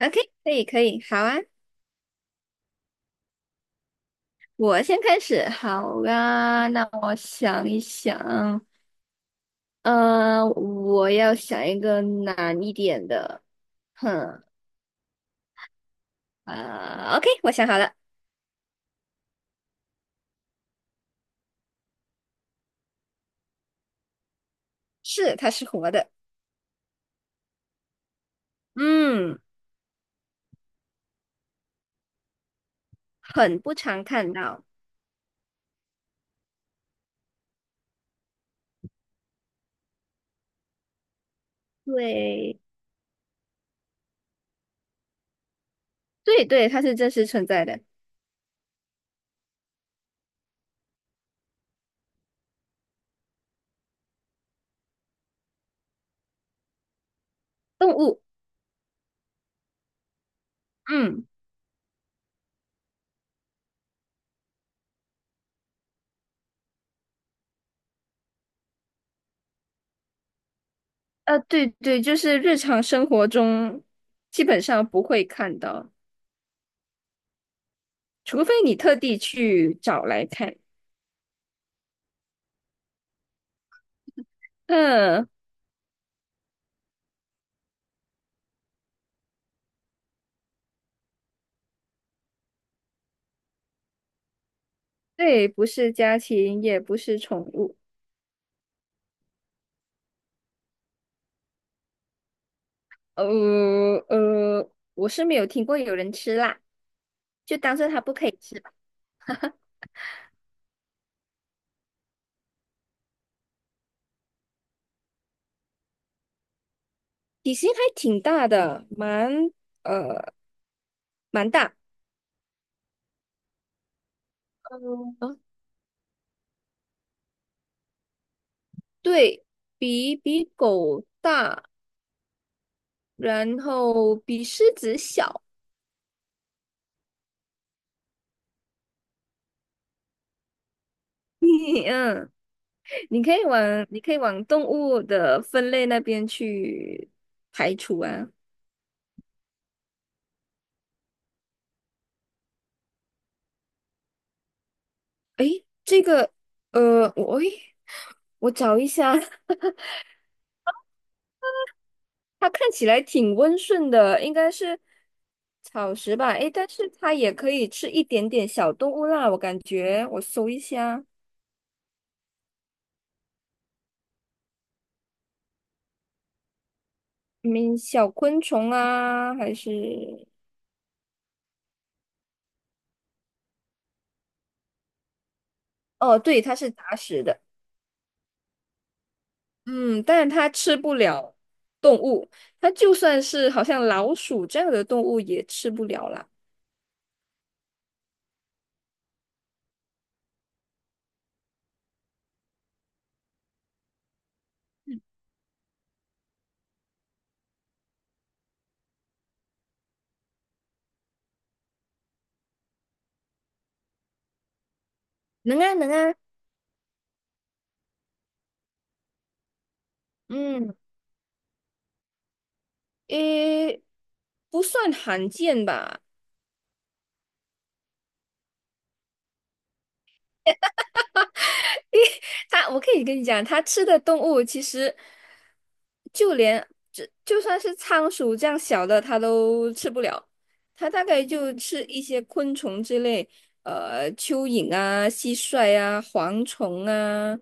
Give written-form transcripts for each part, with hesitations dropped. OK,可以可以，好啊，我先开始，好啊，那我想一想，我要想一个难一点的，哼，啊、o k 我想好了，是，它是活的，嗯，很不常看到，对，对对，它是真实存在的动物，嗯，对对，就是日常生活中基本上不会看到，除非你特地去找来看，嗯。对，不是家禽，也不是宠物。呃我是没有听过有人吃辣，就当做它不可以吃吧。体型还挺大的，蛮呃蛮大，嗯，对，比狗大，然后比狮子小。嗯，你可以往动物的分类那边去排除啊。诶，这个呃，我诶我找一下。它看起来挺温顺的，应该是草食吧？诶，但是它也可以吃一点点小动物啦，我感觉我搜一下，嗯，小昆虫啊，还是哦，对，它是杂食的，嗯，但是它吃不了动物，它就算是好像老鼠这样的动物也吃不了啦。能啊，能啊，嗯，诶，不算罕见吧？它，我可以跟你讲，它吃的动物其实就连就就算是仓鼠这样小的，它都吃不了。它大概就吃一些昆虫之类，呃，蚯蚓啊、蟋蟀啊、蝗虫啊，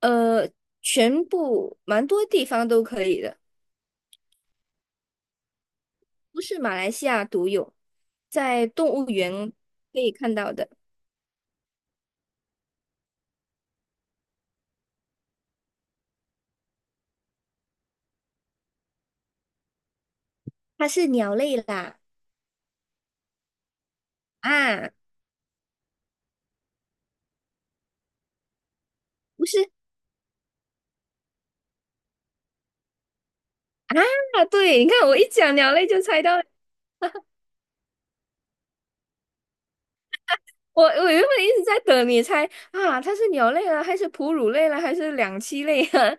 呃，全部蛮多地方都可以的，不是马来西亚独有，在动物园可以看到的。它是鸟类啦，啊，不是啊，对，你看我一讲鸟类就猜到了。我原本一直在等你猜啊，它是鸟类了还是哺乳类了还是两栖类啊？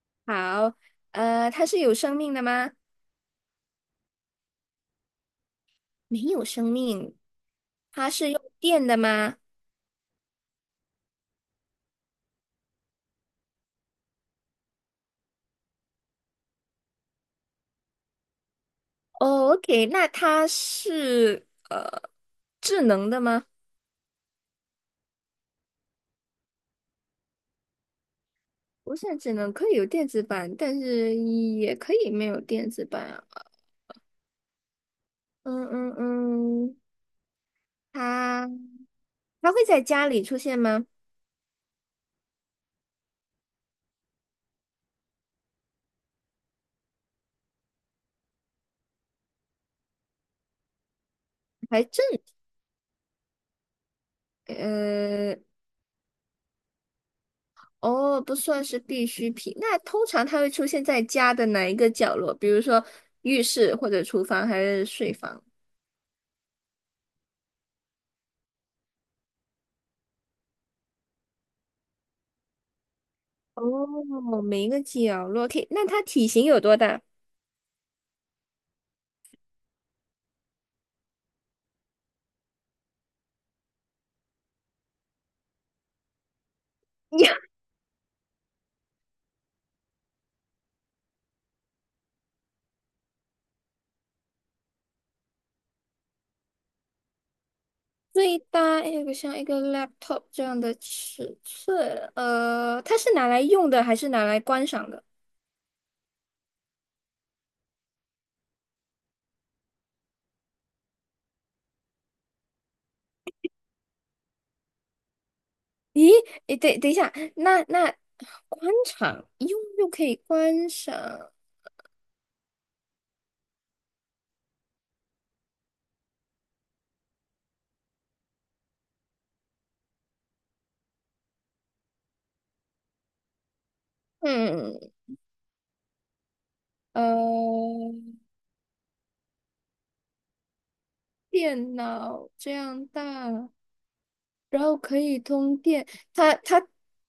好，它是有生命的吗？没有生命。它是用电的吗？哦，OK,那它是智能的吗？不是智能，可以有电子版，但是也可以没有电子版啊。嗯嗯嗯，它它会在家里出现吗？还正，呃哦，不算是必需品。那通常它会出现在家的哪一个角落？比如说浴室或者厨房还是睡房？哦，每一个角落。可以，那它体型有多大？呀，最大有个像一个 laptop 这样的尺寸。呃，它是拿来用的还是拿来观赏的？咦，诶，等等一下，那那观赏用又可以观赏，嗯，呃，电脑这样大。然后可以通电。它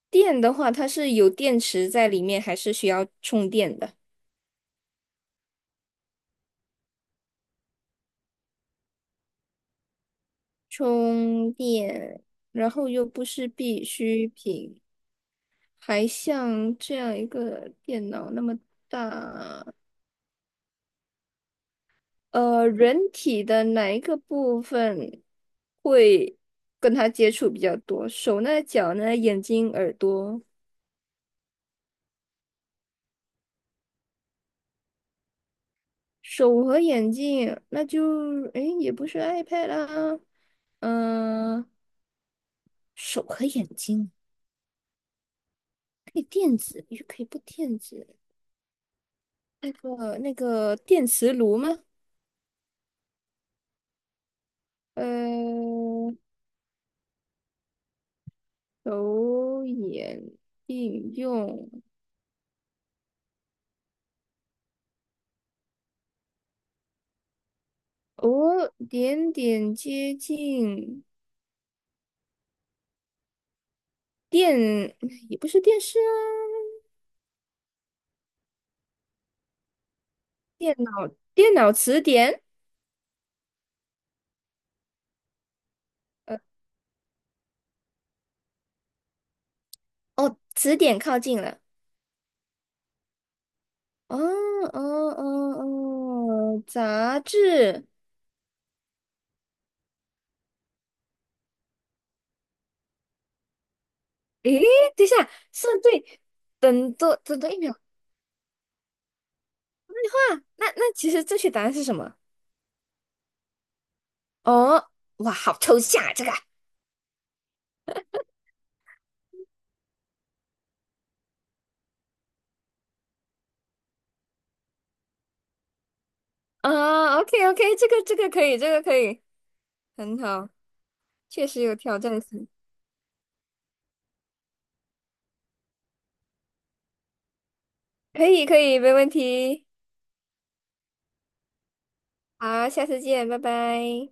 电的话，它是有电池在里面，还是需要充电的？充电，然后又不是必需品，还像这样一个电脑那么大，呃，人体的哪一个部分会跟它接触比较多？手呢？脚呢？眼睛、耳朵？手和眼睛，那就，诶，也不是 iPad 啦，嗯、手和眼睛可以电子，又可以不电子。那个那个电磁炉吗？呃，手眼应用，哦，点点接近电，也不是电视啊，电脑电脑词典，呃，哦，词典靠近了。哦哦哦哦，杂志。诶，等一下，是对，等多一秒。哇，那那其实正确答案是什么？哦，哇，好抽象啊，这个。啊，OK OK,这个可以，这个可以，很好，确实有挑战性，可以可以，没问题。好，下次见，拜拜。